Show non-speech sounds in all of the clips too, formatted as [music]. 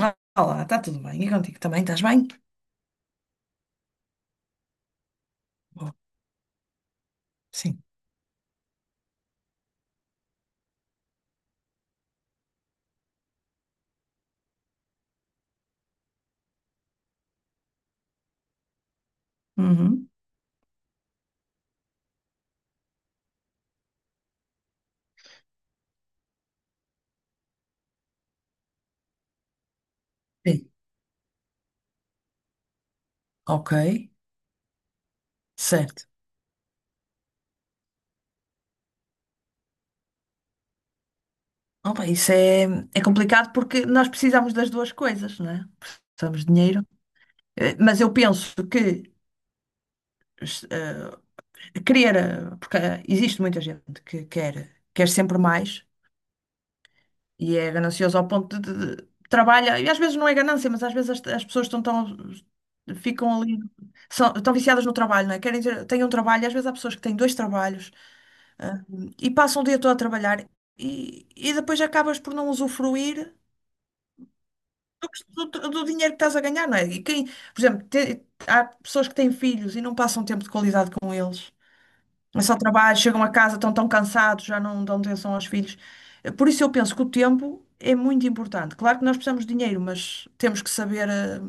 Ah, olá, está tudo bem? E contigo também? Estás bem? Bom. Sim. Uhum. Sim, ok, certo. Opa, isso é complicado porque nós precisamos das duas coisas, não é? Precisamos de dinheiro. Mas eu penso que eh, porque existe muita gente que quer sempre mais. E é ganancioso ao ponto de trabalha, e às vezes não é ganância, mas às vezes as pessoas estão tão, ficam ali, são, estão viciadas no trabalho, não é? Querem ter, têm um trabalho, e às vezes há pessoas que têm dois trabalhos, ah, e passam o dia todo a trabalhar e depois acabas por não usufruir do, que- do dinheiro que estás a ganhar, não é? E quem, por exemplo, há pessoas que têm filhos e não passam tempo de qualidade com eles. Mas só trabalho, chegam a casa, estão tão cansados, já não dão atenção aos filhos. Por isso eu penso que o tempo é muito importante. Claro que nós precisamos de dinheiro, mas temos que saber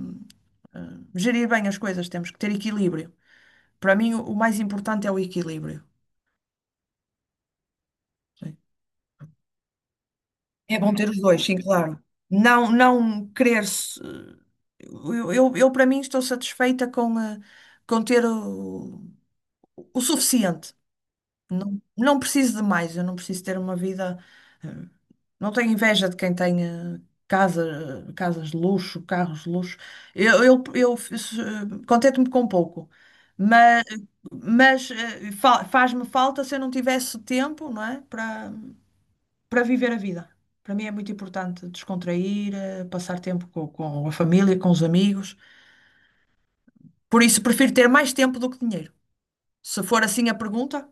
eh, gerir bem as coisas, temos que ter equilíbrio. Para mim, o mais importante é o equilíbrio. Sim. É bom ter os dois, sim, claro. Não, não querer. Eu, para mim, estou satisfeita com, com ter o suficiente. Não, não preciso de mais, eu não preciso ter uma vida. Não tenho inveja de quem tenha casa, casas de luxo, carros de luxo. Eu fiz, contento-me com pouco, mas, mas faz-me falta se eu não tivesse tempo, não é? Para viver a vida. Para mim é muito importante descontrair, passar tempo com a família, com os amigos. Por isso prefiro ter mais tempo do que dinheiro. Se for assim a pergunta,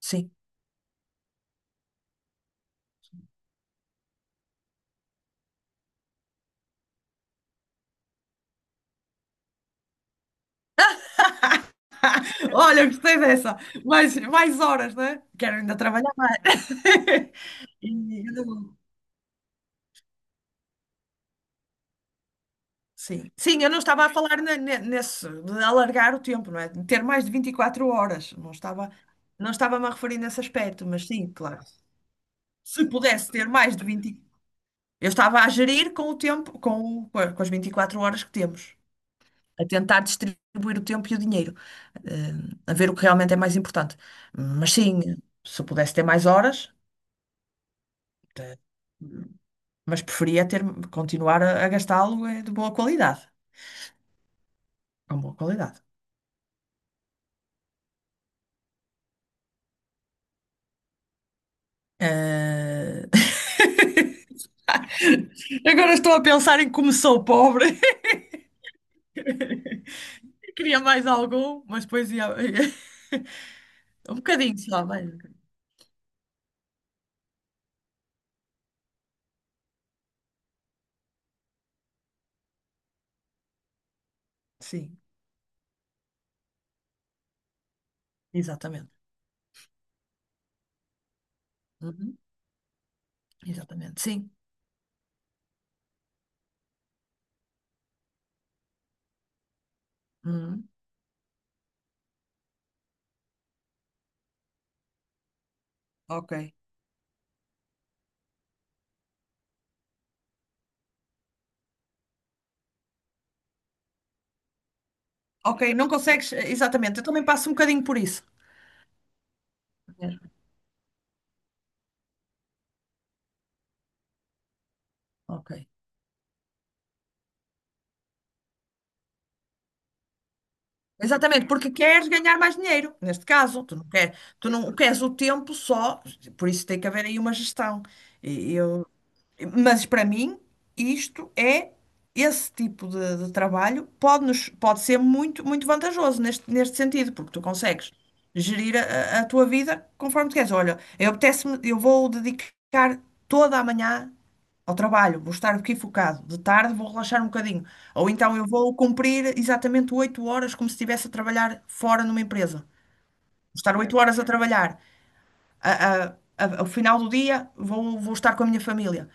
sim. [laughs] Olha, gostei dessa. Mais horas, não é? Quero ainda trabalhar. [laughs] E- Sim. Sim, eu não estava a falar nesse, de alargar o tempo, não é? De ter mais de 24 horas. Não estava-me a referir nesse aspecto, mas sim, claro. Se pudesse ter mais de vinte, eu estava a gerir com o tempo, com, o- com a- com as 24 horas que temos, a tentar distribuir o tempo e o dinheiro, eh, a ver o que realmente é mais importante. Mas sim, se pudesse ter mais horas, te- mas preferia ter, continuar a gastá-lo de boa qualidade, com boa qualidade. Eh, [laughs] Agora estou a pensar em como sou pobre. [laughs] Queria mais algum, mas depois ia. [laughs] Um bocadinho só, mais, um bocadinho. Sim, exatamente. Uhum. Exatamente, sim. Uhum. Ok. Ok, não consegues. Exatamente, eu também passo um bocadinho por isso. Mesmo. Ok. Exatamente, porque queres ganhar mais dinheiro, neste caso. Tu não queres o tempo só, por isso tem que haver aí uma gestão. E eu, mas para mim, isto é, esse tipo de trabalho pode, nos, pode ser muito, muito vantajoso neste sentido, porque tu consegues gerir a tua vida conforme tu queres. Olha, eu apetece-me, eu vou dedicar toda a manhã ao trabalho, vou estar aqui focado. De tarde vou relaxar um bocadinho. Ou então eu vou cumprir exatamente 8 horas como se estivesse a trabalhar fora numa empresa. Vou estar 8 horas a trabalhar. Ao final do dia, vou estar com a minha família.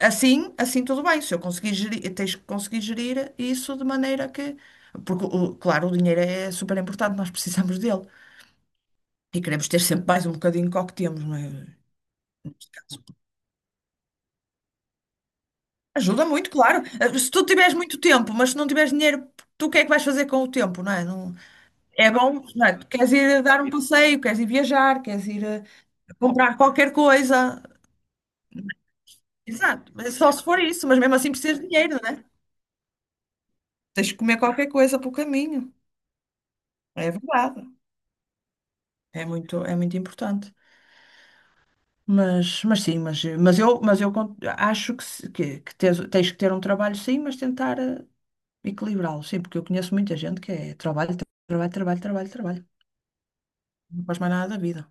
Assim, assim tudo bem, se eu conseguir gerir, tens que conseguir gerir isso de maneira que. Porque, claro, o dinheiro é super importante, nós precisamos dele. E queremos ter sempre mais um bocadinho que o que temos, não é? Ajuda muito, claro. Se tu tiveres muito tempo, mas se não tiveres dinheiro, tu o que é que vais fazer com o tempo, não é? É bom, não é? Tu queres ir dar um passeio, queres ir viajar, queres ir comprar qualquer coisa. Exato, mas só se for isso, mas mesmo assim precisas de dinheiro, não é? Tens de comer qualquer coisa pelo caminho. É verdade. É muito importante. Mas sim, mas acho que, que tens que ter um trabalho, sim, mas tentar equilibrá-lo, sim, porque eu conheço muita gente que é trabalho, trabalho, trabalho, trabalho, trabalho. Não faz mais nada da vida.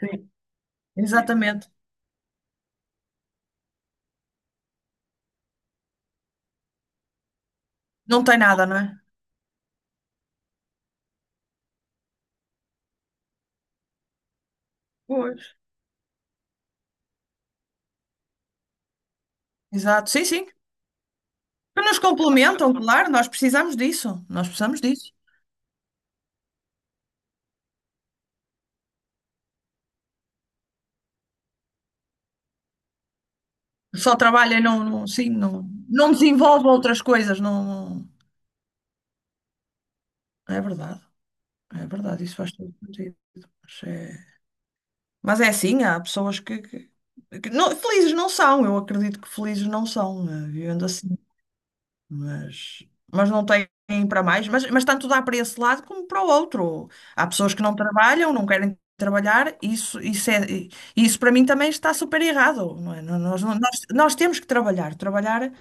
Sim. Exatamente. Não tem nada, não é? Pois. Exato. Sim, sim. Que nos complementam, claro, nós precisamos disso. Nós precisamos disso. Só trabalha e não, não desenvolve outras coisas, não, não- é verdade. É verdade, isso faz todo sentido. Mas é, mas é assim, há pessoas que felizes não são, eu acredito que felizes não são, vivendo assim, mas, mas não têm para mais, mas tanto dá para esse lado como para o outro. Há pessoas que não trabalham, não querem trabalhar, isso, é, isso para mim também está super errado, não é? Nós temos que trabalhar. Trabalhar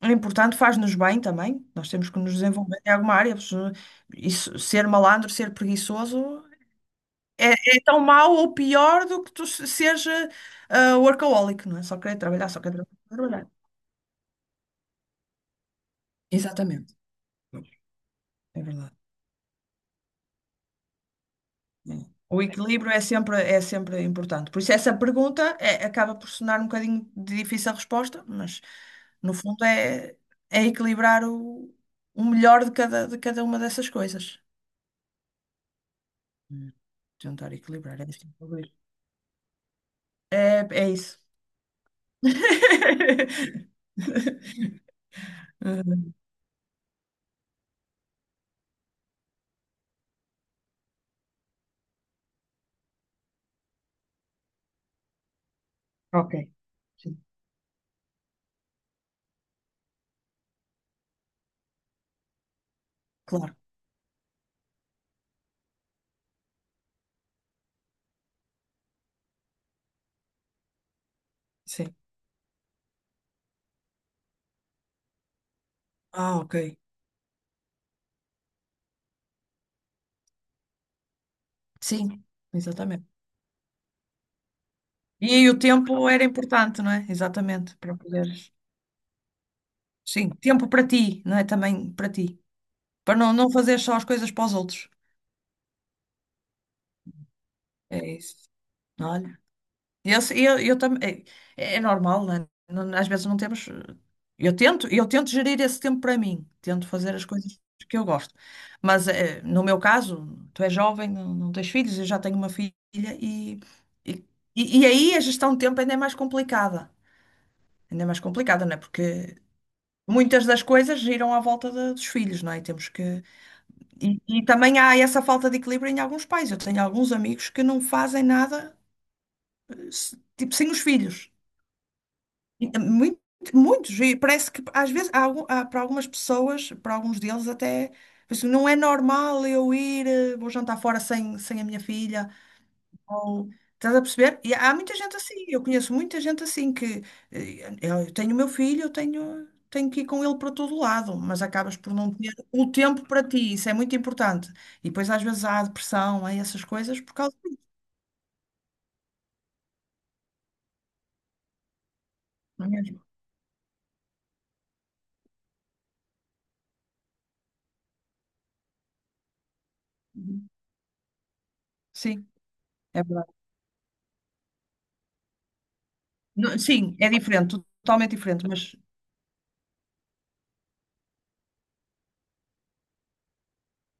é importante, faz-nos bem também, nós temos que nos desenvolver em alguma área, isso, ser malandro, ser preguiçoso. É, é tão mau ou pior do que tu se- seja ah, workaholic, não é? Só querer trabalhar, só querer trabalhar. Exatamente. É verdade. É. O equilíbrio é sempre importante. Por isso, essa pergunta acaba por sonar um bocadinho de difícil a resposta, mas no fundo é, é equilibrar o melhor de cada uma dessas coisas. Hum. Tentar equilibrar. É, isso que eu vou ver. É isso. [laughs] Ok. Sim, claro. Sim. Ah, ok. Sim, exatamente. E aí o tempo era importante, não é? Exatamente, para poderes. Sim, tempo para ti, não é? Também para ti. Para não fazer só as coisas para os outros. É isso. Olha, eu também. É, é normal, não é? Às vezes não temos. Eu tento gerir esse tempo para mim, tento fazer as coisas que eu gosto. Mas no meu caso, tu és jovem, não tens filhos, eu já tenho uma filha e, e, e aí a gestão de tempo ainda é mais complicada. Ainda é mais complicada, não é? Porque muitas das coisas giram à volta dos filhos, não é? E temos que. E também há essa falta de equilíbrio em alguns pais. Eu tenho alguns amigos que não fazem nada, tipo, sem os filhos. E muitos. E parece que, às vezes, há para algumas pessoas, para alguns deles, até, assim, não é normal eu ir, vou jantar fora sem a minha filha. Estás a perceber? E há muita gente assim, eu conheço muita gente assim que, eu tenho o meu filho, tenho que ir com ele para todo lado, mas acabas por não ter o tempo para ti, isso é muito importante. E depois às vezes há depressão, há essas coisas por causa disso, não é mesmo? Uhum. Sim, é verdade. Não, sim, é diferente, totalmente diferente, mas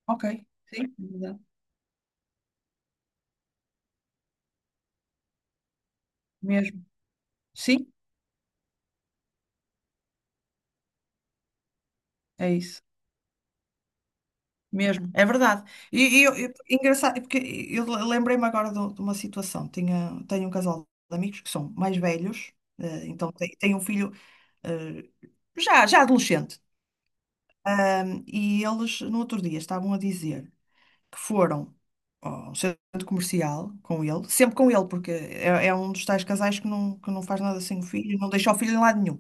ok, sim, é verdade, mesmo. Sim, é isso. Mesmo, é verdade. E engraçado, porque eu lembrei-me agora de uma situação. Tenho um casal de amigos que são mais velhos, então tem um filho, eh, já adolescente. E eles, no outro dia, estavam a dizer que foram ao centro comercial com ele, sempre com ele, porque é, é um dos tais casais que não faz nada sem o filho, não deixa o filho em lado nenhum.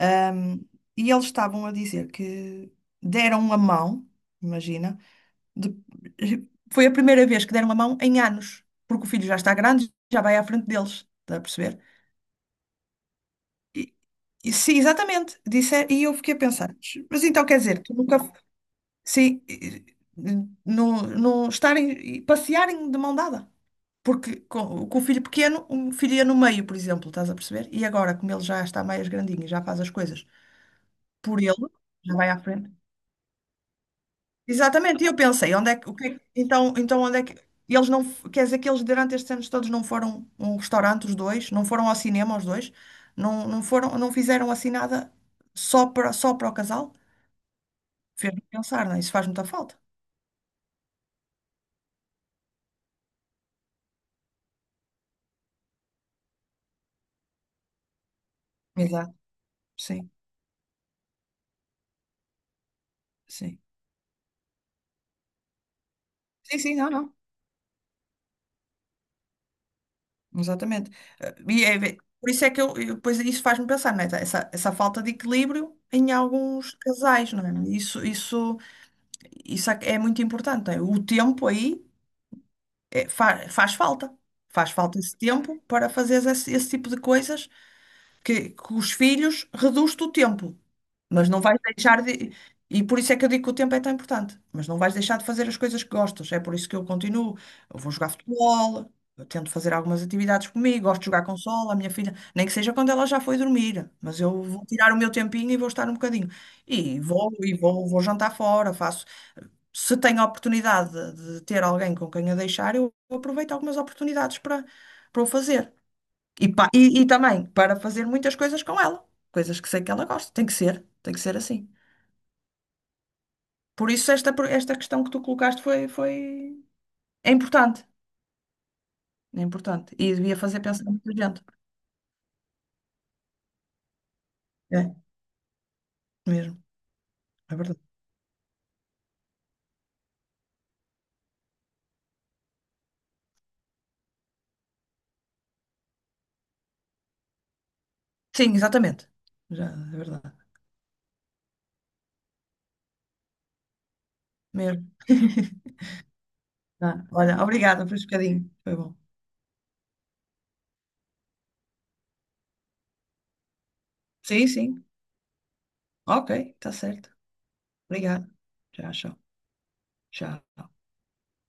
Ahm, e eles estavam a dizer que deram a mão, imagina, de- foi a primeira vez que deram a mão em anos, porque o filho já está grande, já vai à frente deles, está a perceber? E, e sim, exatamente, disse, e eu fiquei a pensar, mas então quer dizer, tu nunca, sim, não estarem, e passearem de mão dada, porque com o filho pequeno, um filho ia no meio, por exemplo, estás a perceber? E agora, como ele já está mais grandinho e já faz as coisas por ele, já vai à frente. Exatamente, e eu pensei, onde é que, o que então, onde é que, e eles não, f- quer dizer que eles durante estes anos todos não foram a um restaurante os dois, não foram ao cinema os dois, não, não foram, não fizeram assim nada só para o casal? Fez-me pensar, não é? Isso faz muita falta. Exato, sim, sim. Sim, sim, não, não, exatamente. E é por isso é que eu, pois, isso faz-me pensar, não é? Essa falta de equilíbrio em alguns casais, não é? Isso, isso é muito importante, não é? O tempo aí é, faz falta. Faz falta esse tempo para fazeres esse tipo de coisas que os filhos reduz-te o tempo, mas não vais deixar de. E por isso é que eu digo que o tempo é tão importante, mas não vais deixar de fazer as coisas que gostas. É por isso que eu continuo. Eu vou jogar futebol, eu tento fazer algumas atividades comigo, gosto de jogar consola, a minha filha, nem que seja quando ela já foi dormir, mas eu vou tirar o meu tempinho e vou estar um bocadinho. Vou jantar fora, faço se tenho a oportunidade de ter alguém com quem a deixar, eu aproveito algumas oportunidades para, para o fazer. E também para fazer muitas coisas com ela, coisas que sei que ela gosta. Tem que ser assim. Por isso, esta questão que tu colocaste foi... é importante. É importante. E devia fazer pensar muita gente. É, mesmo. É verdade. Sim, exatamente. Já, é verdade. Mesmo. [laughs] Ah, olha, obrigada por este bocadinho. Foi bom. Sim, sim. Ok, está certo. Obrigada. Já, tchau. Tchau.